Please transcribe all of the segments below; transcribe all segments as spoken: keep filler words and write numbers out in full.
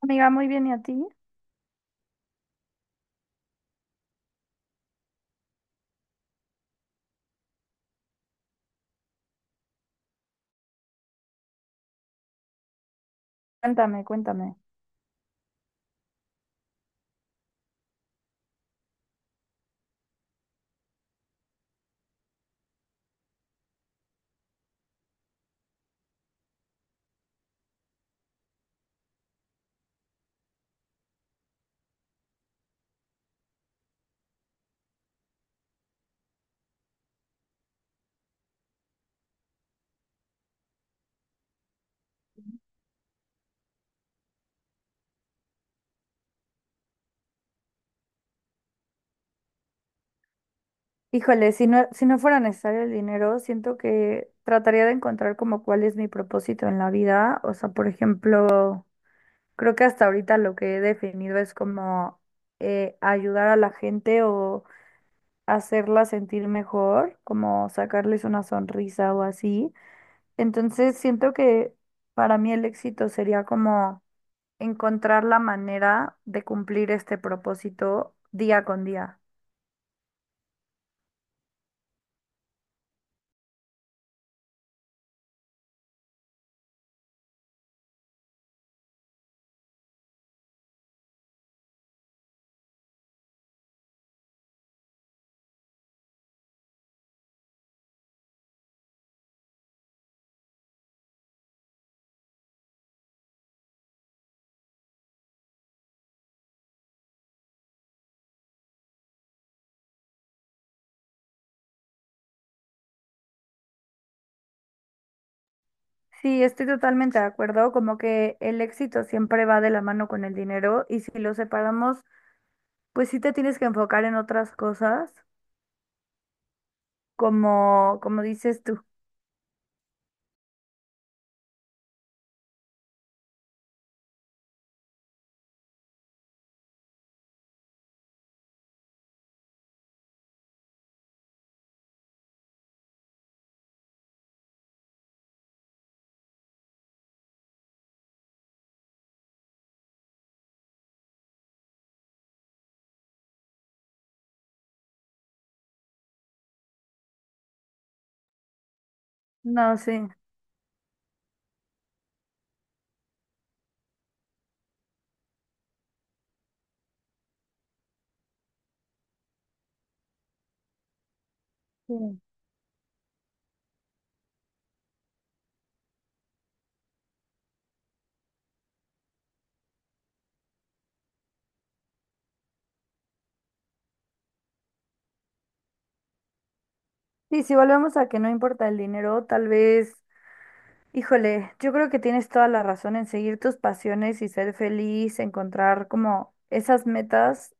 Amiga, muy bien, ¿y a ti? Cuéntame, cuéntame. Híjole, si no, si no fuera necesario el dinero, siento que trataría de encontrar como cuál es mi propósito en la vida. O sea, por ejemplo, creo que hasta ahorita lo que he definido es como eh, ayudar a la gente o hacerla sentir mejor, como sacarles una sonrisa o así. Entonces, siento que para mí el éxito sería como encontrar la manera de cumplir este propósito día con día. Sí, estoy totalmente de acuerdo, como que el éxito siempre va de la mano con el dinero y si lo separamos, pues sí te tienes que enfocar en otras cosas, como, como dices tú. No, sí. Sí, Sí, si volvemos a que no importa el dinero, tal vez. Híjole, yo creo que tienes toda la razón en seguir tus pasiones y ser feliz, encontrar como esas metas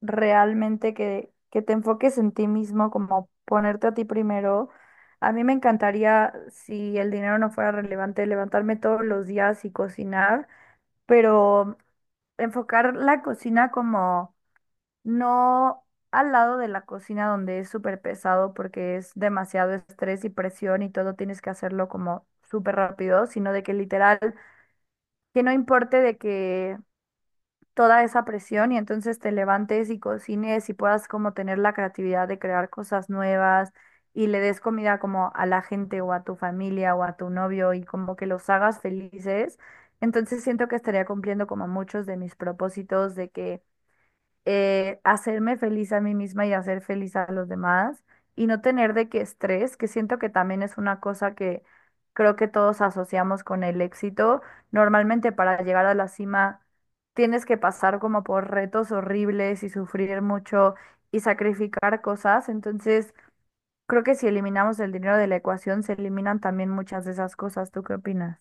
realmente que, que te enfoques en ti mismo, como ponerte a ti primero. A mí me encantaría, si el dinero no fuera relevante, levantarme todos los días y cocinar, pero enfocar la cocina como no, al lado de la cocina donde es súper pesado porque es demasiado estrés y presión y todo tienes que hacerlo como súper rápido, sino de que literal, que no importe de que toda esa presión, y entonces te levantes y cocines y puedas como tener la creatividad de crear cosas nuevas y le des comida como a la gente o a tu familia o a tu novio y como que los hagas felices. Entonces siento que estaría cumpliendo como muchos de mis propósitos de que eh, hacerme feliz a mí misma y hacer feliz a los demás y no tener de qué estrés, que siento que también es una cosa que creo que todos asociamos con el éxito. Normalmente para llegar a la cima tienes que pasar como por retos horribles y sufrir mucho y sacrificar cosas, entonces creo que si eliminamos el dinero de la ecuación se eliminan también muchas de esas cosas. ¿Tú qué opinas?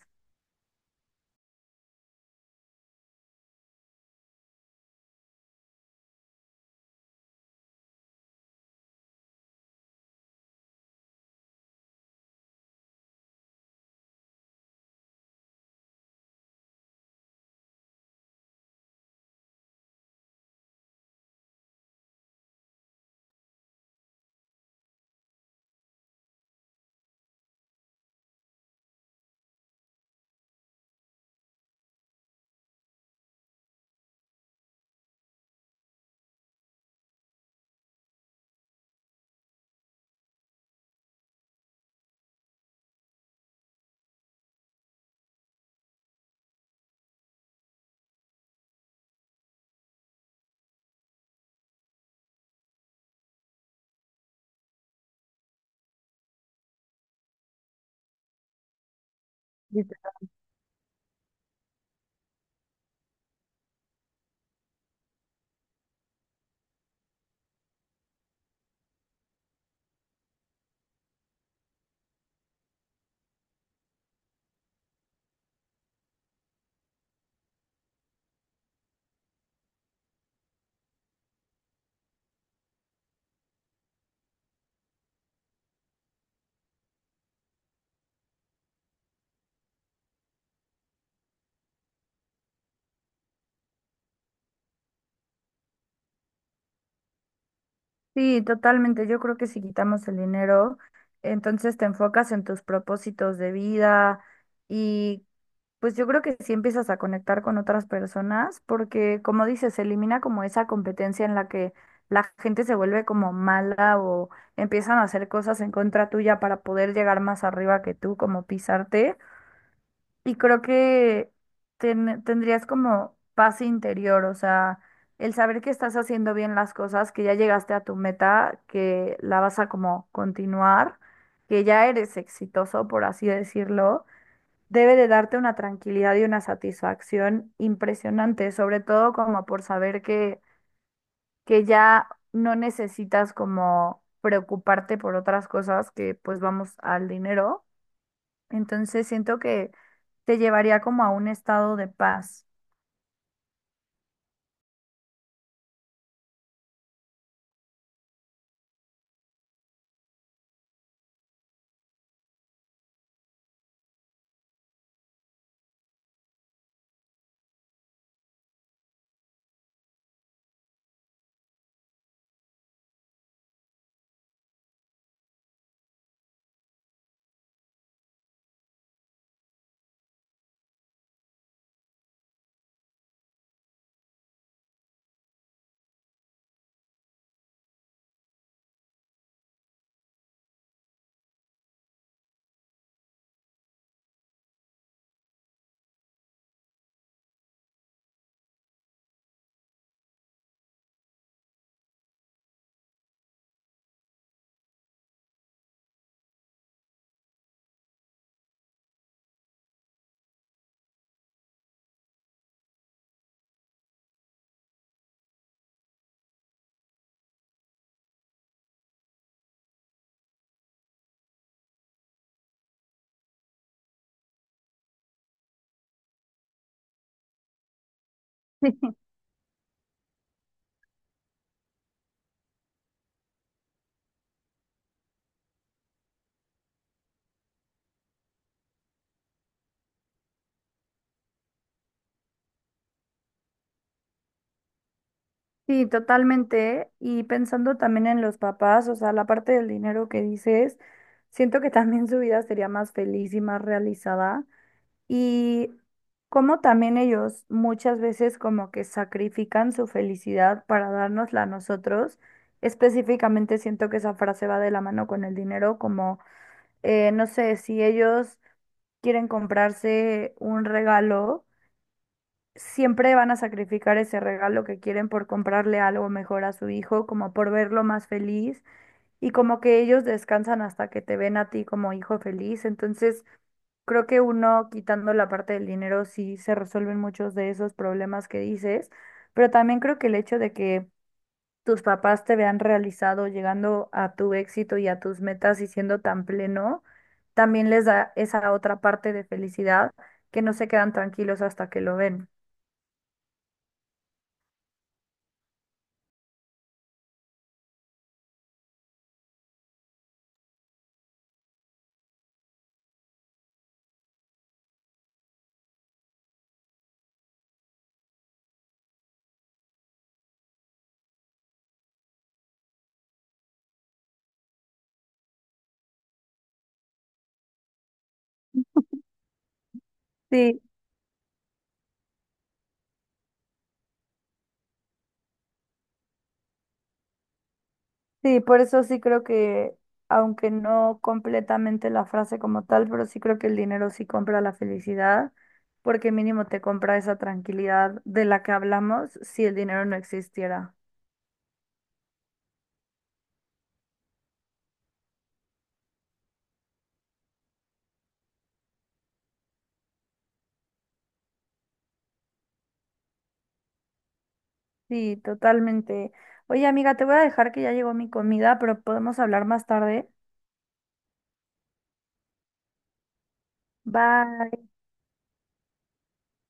Sí, totalmente. Yo creo que si quitamos el dinero, entonces te enfocas en tus propósitos de vida y pues yo creo que sí empiezas a conectar con otras personas porque como dices, se elimina como esa competencia en la que la gente se vuelve como mala o empiezan a hacer cosas en contra tuya para poder llegar más arriba que tú, como pisarte. Y creo que ten- tendrías como paz interior, o sea, el saber que estás haciendo bien las cosas, que ya llegaste a tu meta, que la vas a como continuar, que ya eres exitoso, por así decirlo, debe de darte una tranquilidad y una satisfacción impresionante, sobre todo como por saber que, que ya no necesitas como preocuparte por otras cosas que pues vamos al dinero, entonces siento que te llevaría como a un estado de paz. Sí, totalmente. Y pensando también en los papás, o sea, la parte del dinero que dices, siento que también su vida sería más feliz y más realizada. Y como también ellos muchas veces como que sacrifican su felicidad para dárnosla a nosotros. Específicamente siento que esa frase va de la mano con el dinero, como, eh, no sé, si ellos quieren comprarse un regalo siempre van a sacrificar ese regalo que quieren por comprarle algo mejor a su hijo, como por verlo más feliz y como que ellos descansan hasta que te ven a ti como hijo feliz. Entonces, creo que uno quitando la parte del dinero sí se resuelven muchos de esos problemas que dices, pero también creo que el hecho de que tus papás te vean realizado llegando a tu éxito y a tus metas y siendo tan pleno, también les da esa otra parte de felicidad, que no se quedan tranquilos hasta que lo ven. Sí, por eso sí creo que, aunque no completamente la frase como tal, pero sí creo que el dinero sí compra la felicidad, porque mínimo te compra esa tranquilidad de la que hablamos si el dinero no existiera. Sí, totalmente. Oye, amiga, te voy a dejar que ya llegó mi comida, pero podemos hablar más tarde. Bye.